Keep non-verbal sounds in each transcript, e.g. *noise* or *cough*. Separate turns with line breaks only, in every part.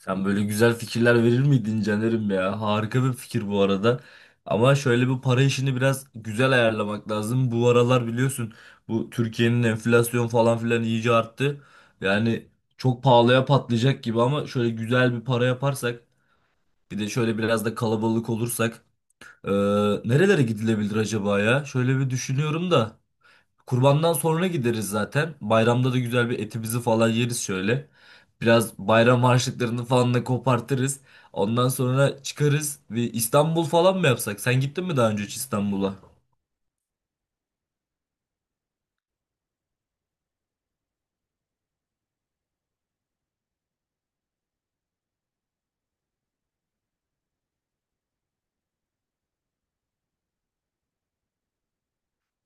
Sen böyle güzel fikirler verir miydin Caner'im ya? Harika bir fikir bu arada. Ama şöyle bir para işini biraz güzel ayarlamak lazım. Bu aralar biliyorsun bu Türkiye'nin enflasyon falan filan iyice arttı. Yani çok pahalıya patlayacak gibi ama şöyle güzel bir para yaparsak bir de şöyle biraz da kalabalık olursak eee, nerelere gidilebilir acaba ya? Şöyle bir düşünüyorum da. Kurbandan sonra gideriz zaten. Bayramda da güzel bir etimizi falan yeriz şöyle. Biraz bayram harçlıklarını falan da kopartırız. Ondan sonra çıkarız ve İstanbul falan mı yapsak? Sen gittin mi daha önce hiç İstanbul'a?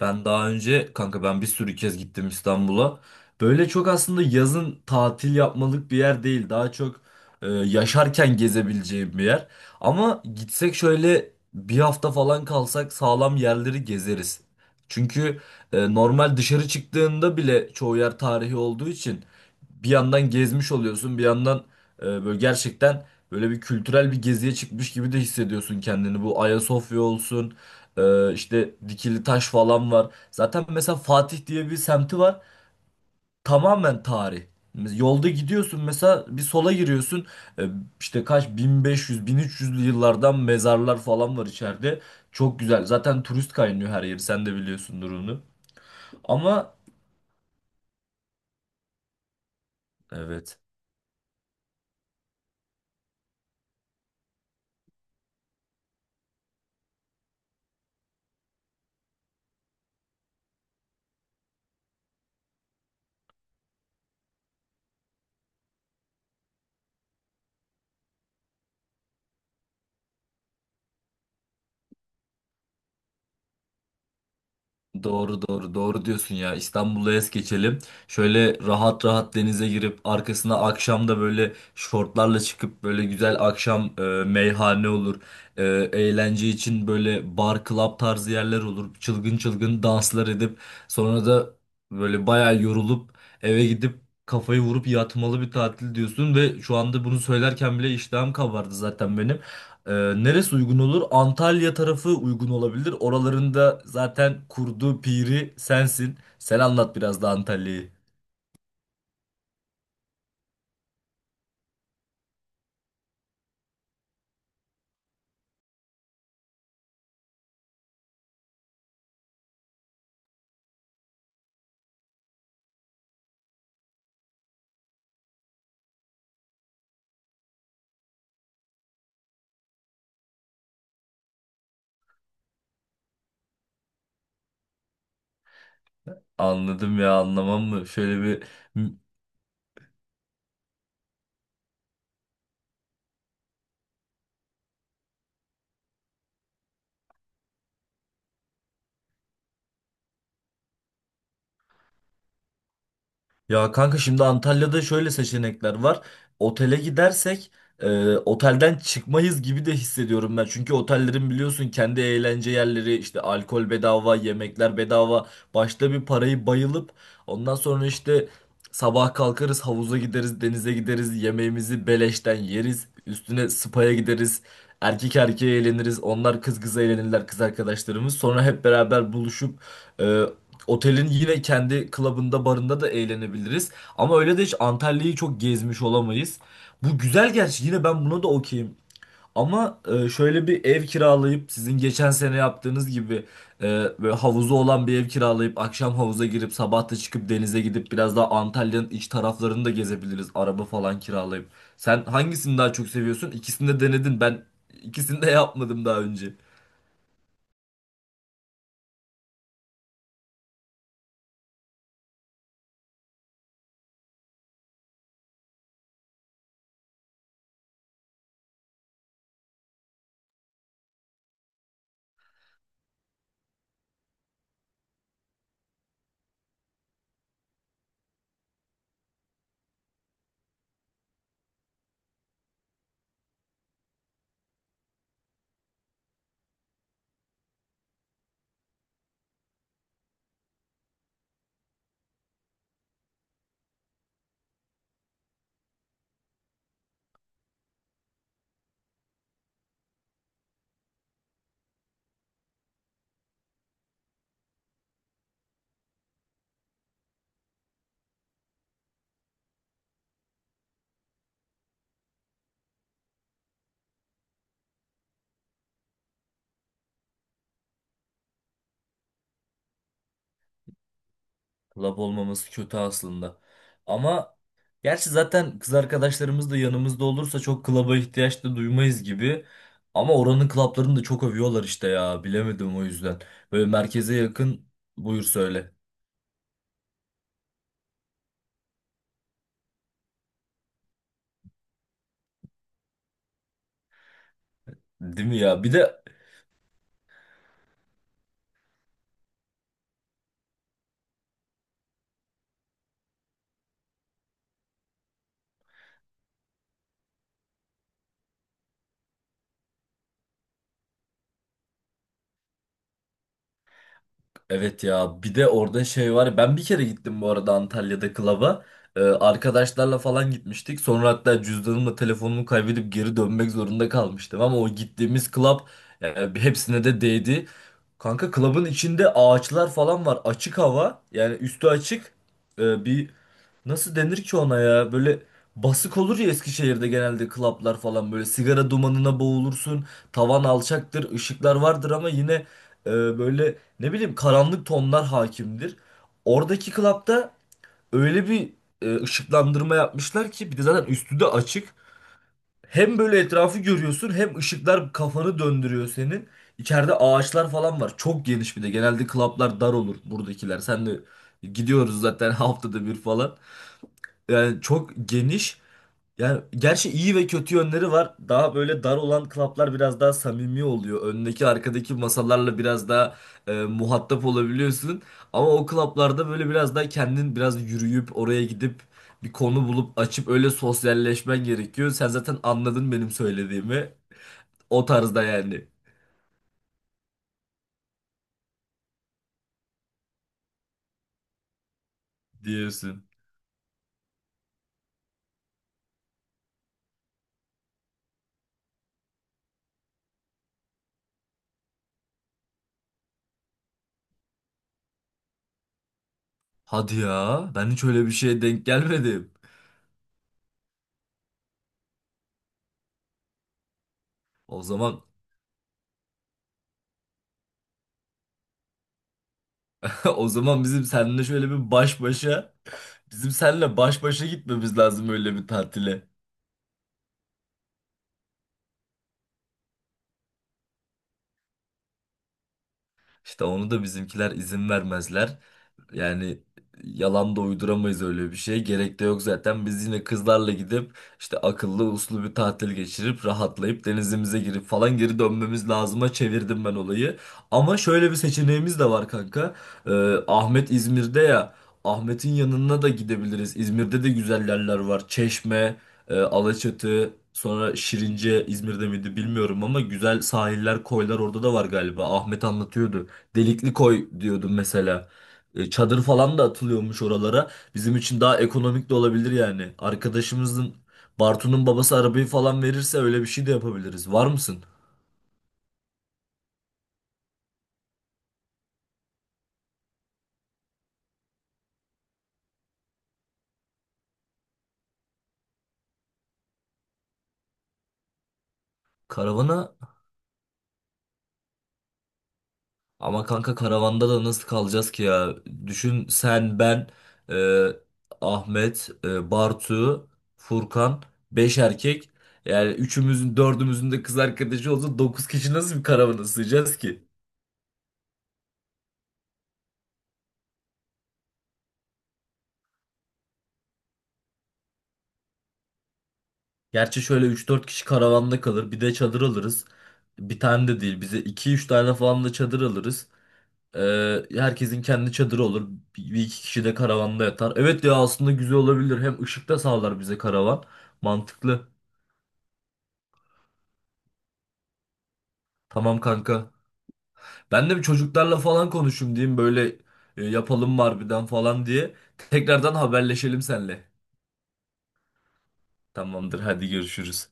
Ben daha önce kanka ben bir sürü kez gittim İstanbul'a. Böyle çok aslında yazın tatil yapmalık bir yer değil. Daha çok yaşarken gezebileceğim bir yer. Ama gitsek şöyle bir hafta falan kalsak sağlam yerleri gezeriz. Çünkü normal dışarı çıktığında bile çoğu yer tarihi olduğu için bir yandan gezmiş oluyorsun, bir yandan böyle gerçekten böyle bir kültürel bir geziye çıkmış gibi de hissediyorsun kendini. Bu Ayasofya olsun. İşte dikili taş falan var. Zaten mesela Fatih diye bir semti var. Tamamen tarih. Yolda gidiyorsun mesela bir sola giriyorsun. Ee, işte kaç 1500-1300'lü yıllardan mezarlar falan var içeride. Çok güzel. Zaten turist kaynıyor her yeri. Sen de biliyorsun durumunu. Ama evet. Doğru doğru doğru diyorsun ya, İstanbul'a es geçelim. Şöyle rahat rahat denize girip arkasına akşam da böyle şortlarla çıkıp böyle güzel akşam meyhane olur. E, eğlence için böyle bar club tarzı yerler olur. Çılgın çılgın danslar edip sonra da böyle bayağı yorulup eve gidip kafayı vurup yatmalı bir tatil diyorsun ve şu anda bunu söylerken bile iştahım kabardı zaten benim. Ee, neresi uygun olur? Antalya tarafı uygun olabilir. Oralarında zaten kurdu piri sensin. Sen anlat biraz da Antalya'yı. Anladım ya, anlamam mı? Şöyle bir. Ya kanka şimdi Antalya'da şöyle seçenekler var. Otele gidersek otelden çıkmayız gibi de hissediyorum ben. Çünkü otellerin biliyorsun kendi eğlence yerleri işte, alkol bedava, yemekler bedava. Başta bir parayı bayılıp ondan sonra işte sabah kalkarız, havuza gideriz, denize gideriz, yemeğimizi beleşten yeriz. Üstüne spa'ya gideriz. Erkek erkeğe eğleniriz. Onlar kız kıza eğlenirler, kız arkadaşlarımız. Sonra hep beraber buluşup e, Otelin yine kendi klubunda, barında da eğlenebiliriz. Ama öyle de hiç Antalya'yı çok gezmiş olamayız. Bu güzel gerçi, yine ben buna da okeyim. Ama şöyle bir ev kiralayıp sizin geçen sene yaptığınız gibi e, böyle havuzu olan bir ev kiralayıp akşam havuza girip sabah da çıkıp denize gidip biraz daha Antalya'nın iç taraflarını da gezebiliriz. Araba falan kiralayıp. Sen hangisini daha çok seviyorsun? İkisini de denedin. Ben ikisini de yapmadım daha önce. Lab olmaması kötü aslında. Ama gerçi zaten kız arkadaşlarımız da yanımızda olursa çok klaba ihtiyaç da duymayız gibi. Ama oranın klaplarını da çok övüyorlar işte ya. Bilemedim o yüzden. Böyle merkeze yakın, buyur söyle. Değil mi ya? Bir de. Evet ya, bir de orada şey var. Ben bir kere gittim bu arada Antalya'da klaba. Arkadaşlarla falan gitmiştik. Sonra hatta cüzdanımla telefonumu kaybedip geri dönmek zorunda kalmıştım. Ama o gittiğimiz klap, yani hepsine de değdi. Kanka klabın içinde ağaçlar falan var. Açık hava, yani üstü açık. Bir nasıl denir ki ona ya, böyle basık olur ya, Eskişehir'de genelde klaplar falan böyle sigara dumanına boğulursun. Tavan alçaktır, ışıklar vardır ama yine e, böyle ne bileyim karanlık tonlar hakimdir. Oradaki klapta öyle bir ışıklandırma yapmışlar ki, bir de zaten üstü de açık. Hem böyle etrafı görüyorsun, hem ışıklar kafanı döndürüyor senin. İçeride ağaçlar falan var. Çok geniş bir de. Genelde klaplar dar olur buradakiler. Sen de gidiyoruz zaten *laughs* haftada bir falan. Yani çok geniş. Yani gerçi iyi ve kötü yönleri var. Daha böyle dar olan klaplar biraz daha samimi oluyor. Öndeki arkadaki masalarla biraz daha muhatap olabiliyorsun. Ama o klaplarda böyle biraz daha kendin biraz yürüyüp oraya gidip bir konu bulup açıp öyle sosyalleşmen gerekiyor. Sen zaten anladın benim söylediğimi. O tarzda yani diyorsun. Hadi ya, ben hiç öyle bir şeye denk gelmedim. O zaman *laughs* O zaman bizim seninle şöyle bir baş başa, bizim seninle baş başa gitmemiz lazım öyle bir tatile. İşte onu da bizimkiler izin vermezler. Yani yalan da uyduramayız öyle bir şey. Gerek de yok zaten. Biz yine kızlarla gidip işte akıllı uslu bir tatil geçirip rahatlayıp denizimize girip falan geri dönmemiz lazıma çevirdim ben olayı. Ama şöyle bir seçeneğimiz de var kanka. Ahmet İzmir'de ya. Ahmet'in yanına da gidebiliriz. İzmir'de de güzel yerler var. Çeşme, Alaçatı, sonra Şirince İzmir'de miydi bilmiyorum ama güzel sahiller, koylar orada da var galiba. Ahmet anlatıyordu. Delikli koy diyordu mesela. Çadır falan da atılıyormuş oralara. Bizim için daha ekonomik de olabilir yani. Arkadaşımızın Bartu'nun babası arabayı falan verirse öyle bir şey de yapabiliriz. Var mısın? Karavana, ama kanka karavanda da nasıl kalacağız ki ya? Düşün sen, ben e, Ahmet, Bartu, Furkan, 5 erkek. Yani üçümüzün dördümüzün de kız arkadaşı olsa 9 kişi nasıl bir karavana sığacağız ki? Gerçi şöyle üç dört kişi karavanda kalır. Bir de çadır alırız. Bir tane de değil. Bize iki üç tane falan da çadır alırız. Herkesin kendi çadırı olur. Bir iki kişi de karavanda yatar. Evet ya, aslında güzel olabilir. Hem ışık da sağlar bize karavan. Mantıklı. Tamam kanka. Ben de bir çocuklarla falan konuşayım diyeyim. Böyle yapalım mı harbiden falan diye. Tekrardan haberleşelim seninle. Tamamdır hadi görüşürüz.